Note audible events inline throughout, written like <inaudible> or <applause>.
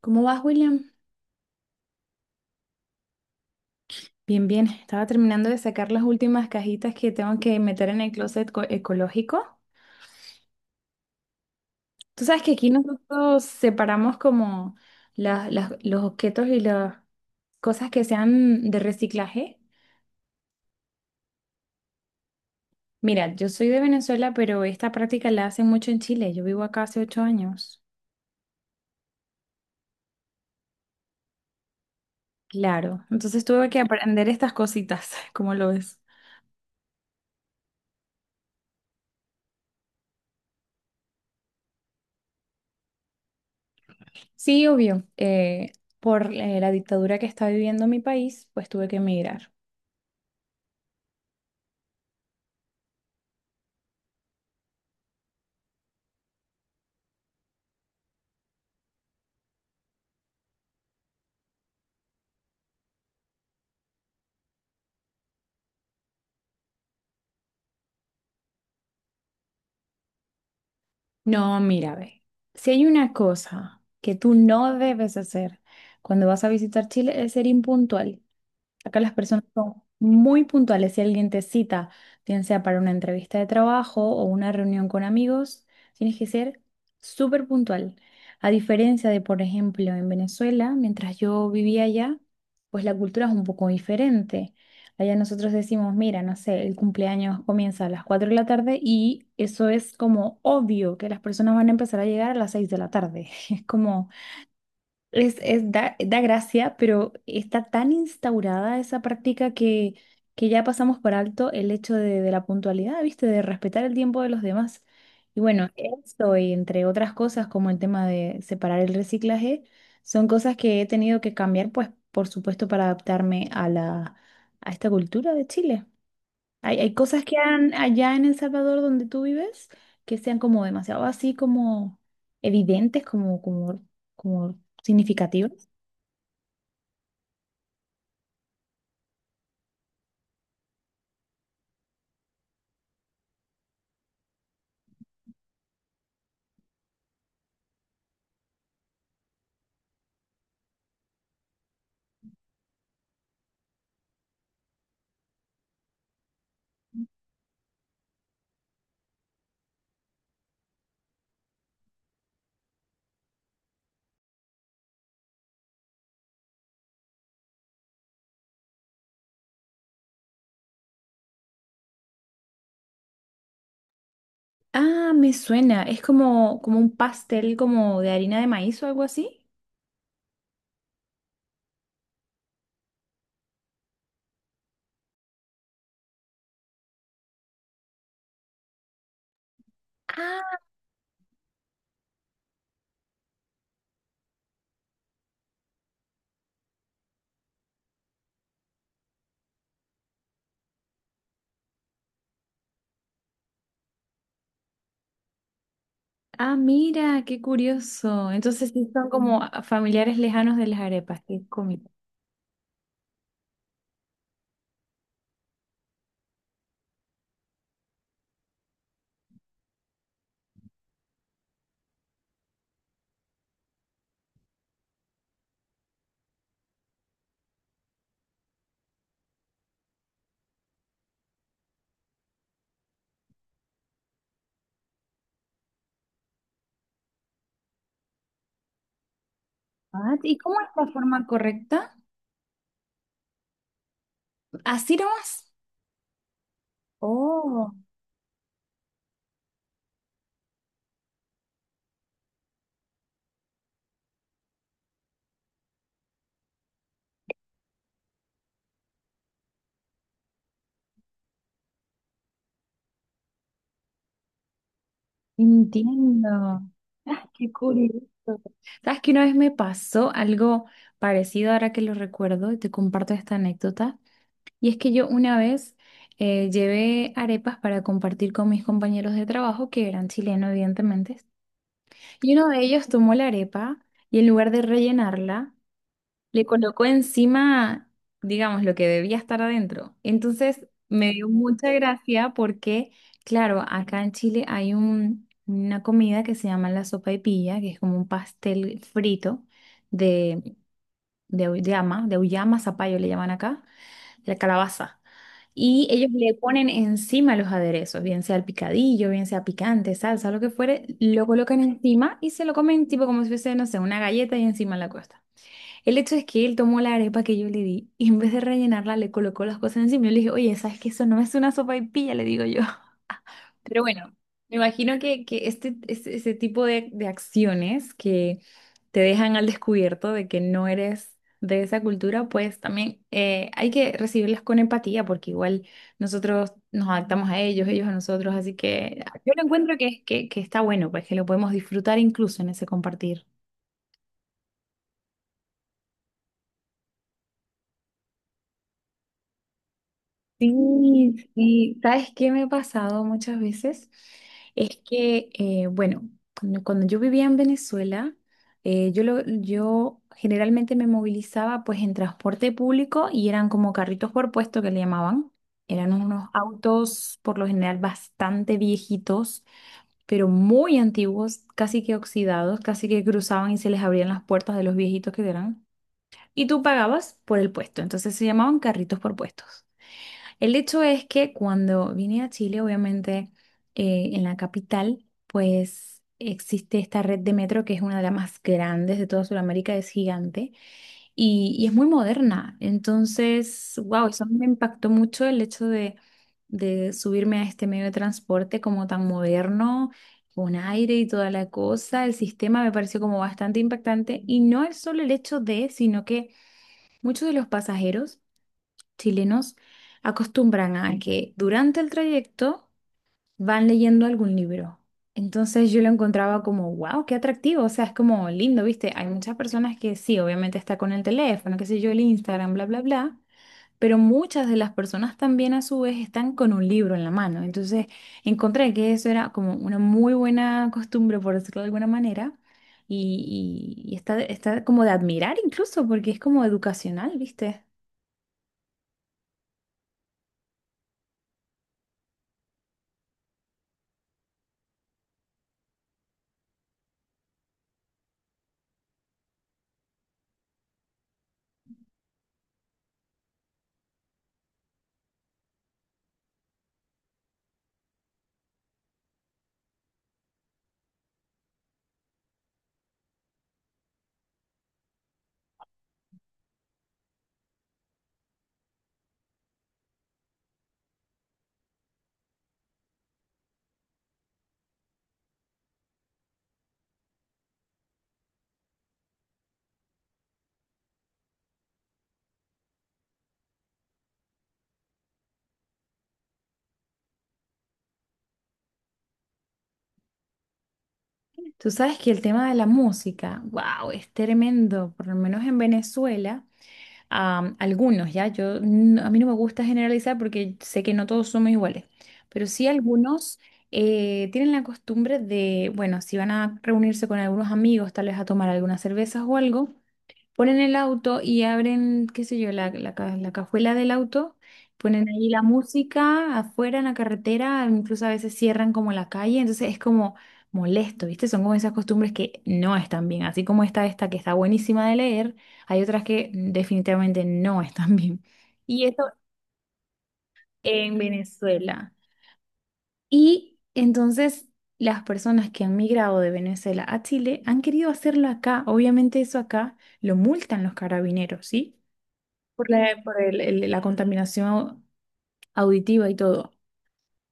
¿Cómo vas, William? Bien, bien. Estaba terminando de sacar las últimas cajitas que tengo que meter en el ecológico. Tú sabes que aquí nosotros separamos como los objetos y las cosas que sean de reciclaje. Mira, yo soy de Venezuela, pero esta práctica la hacen mucho en Chile. Yo vivo acá hace 8 años. Claro. Entonces tuve que aprender estas cositas, <laughs> ¿cómo lo ves? Sí, obvio. Por la dictadura que está viviendo mi país, pues tuve que emigrar. No, mira, ve. Si hay una cosa que tú no debes hacer cuando vas a visitar Chile es ser impuntual. Acá las personas son muy puntuales. Si alguien te cita, bien sea para una entrevista de trabajo o una reunión con amigos, tienes que ser súper puntual. A diferencia de, por ejemplo, en Venezuela, mientras yo vivía allá, pues la cultura es un poco diferente. Allá nosotros decimos, mira, no sé, el cumpleaños comienza a las 4 de la tarde y eso es como obvio que las personas van a empezar a llegar a las 6 de la tarde. <laughs> Es como... Es da gracia, pero está tan instaurada esa práctica que ya pasamos por alto el hecho de la puntualidad, ¿viste? De respetar el tiempo de los demás. Y bueno, eso y entre otras cosas como el tema de separar el reciclaje, son cosas que he tenido que cambiar, pues por supuesto, para adaptarme a a esta cultura de Chile. Hay cosas que han allá en El Salvador donde tú vives que sean como demasiado así como evidentes, como significativas. Ah, me suena. Es como, como un pastel como de harina de maíz o algo así. Ah, ah, mira, qué curioso. Entonces sí son como familiares lejanos de las arepas, qué cómico. Ah, ¿y cómo es la forma correcta? Así nomás. Oh. Entiendo. Ah, qué curioso. ¿Sabes que una vez me pasó algo parecido ahora que lo recuerdo y te comparto esta anécdota? Y es que yo una vez llevé arepas para compartir con mis compañeros de trabajo que eran chilenos, evidentemente. Y uno de ellos tomó la arepa y en lugar de rellenarla, le colocó encima, digamos, lo que debía estar adentro. Entonces me dio mucha gracia porque, claro, acá en Chile hay una comida que se llama la sopaipilla, que es como un pastel frito de, de auyama, zapallo le llaman acá, la calabaza. Y ellos le ponen encima los aderezos, bien sea el picadillo, bien sea picante, salsa, lo que fuere, lo colocan encima y se lo comen tipo como si fuese, no sé, una galleta y encima la costa. El hecho es que él tomó la arepa que yo le di y en vez de rellenarla le colocó las cosas encima. Yo le dije, oye, ¿sabes que eso no es una sopa y Le digo yo. <laughs> Pero bueno, me imagino que este, ese tipo de acciones que te dejan al descubierto de que no eres de esa cultura, pues también hay que recibirlas con empatía, porque igual nosotros nos adaptamos a ellos, ellos a nosotros, así que yo lo encuentro que, que está bueno, pues que lo podemos disfrutar incluso en ese compartir. Sí, sí. ¿Sabes qué me ha pasado muchas veces? Es que, bueno, cuando yo vivía en Venezuela, yo, yo generalmente me movilizaba pues en transporte público y eran como carritos por puesto que le llamaban. Eran unos autos por lo general bastante viejitos, pero muy antiguos, casi que oxidados, casi que cruzaban y se les abrían las puertas de los viejitos que eran. Y tú pagabas por el puesto, entonces se llamaban carritos por puestos. El hecho es que cuando vine a Chile, obviamente en la capital, pues existe esta red de metro que es una de las más grandes de toda Sudamérica, es gigante y es muy moderna. Entonces, wow, eso me impactó mucho el hecho de subirme a este medio de transporte como tan moderno, con aire y toda la cosa. El sistema me pareció como bastante impactante y no es solo el hecho de, sino que muchos de los pasajeros chilenos acostumbran a que durante el trayecto van leyendo algún libro. Entonces yo lo encontraba como, wow, qué atractivo, o sea, es como lindo, ¿viste? Hay muchas personas que sí, obviamente está con el teléfono, qué sé yo, el Instagram, bla, bla, bla, pero muchas de las personas también a su vez están con un libro en la mano. Entonces encontré que eso era como una muy buena costumbre, por decirlo de alguna manera. Y, y está, está como de admirar incluso, porque es como educacional, ¿viste? Tú sabes que el tema de la música, wow, es tremendo, por lo menos en Venezuela, algunos, ¿ya? Yo, a mí no me gusta generalizar porque sé que no todos somos iguales, pero sí algunos tienen la costumbre de, bueno, si van a reunirse con algunos amigos, tal vez a tomar algunas cervezas o algo, ponen el auto y abren, qué sé yo, la cajuela del auto, ponen ahí la música afuera en la carretera, incluso a veces cierran como la calle, entonces es como molesto, ¿viste? Son como esas costumbres que no están bien, así como está esta que está buenísima de leer, hay otras que definitivamente no están bien. Y esto en Venezuela. Y entonces... las personas que han migrado de Venezuela a Chile han querido hacerlo acá. Obviamente eso acá lo multan los carabineros, ¿sí? Por la, por la contaminación auditiva y todo.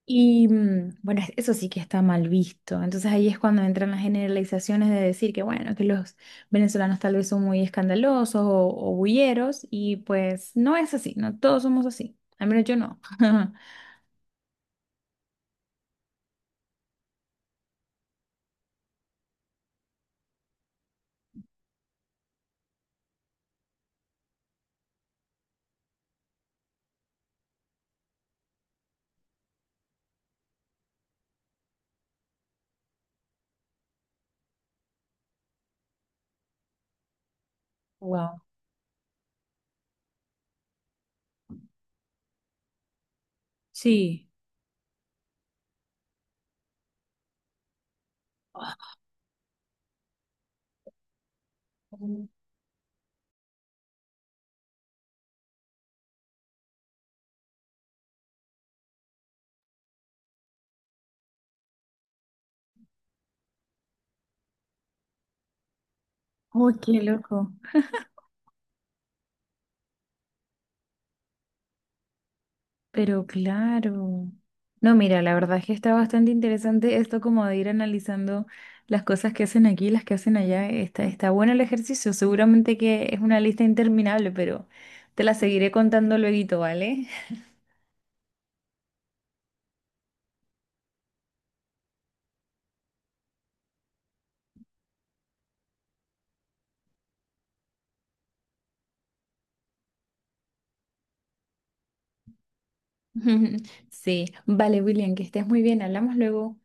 Y mm, bueno, eso sí que está mal visto. Entonces ahí es cuando entran las generalizaciones de decir que bueno, que los venezolanos tal vez son muy escandalosos o bulleros y pues no es así, no todos somos así. Al menos yo no. <laughs> Wow. Sí. Uy, qué loco. Pero claro. No, mira, la verdad es que está bastante interesante esto como de ir analizando las cosas que hacen aquí, las que hacen allá. Está, está bueno el ejercicio. Seguramente que es una lista interminable, pero te la seguiré contando luego, ¿vale? <laughs> Sí, vale, William, que estés muy bien, hablamos luego.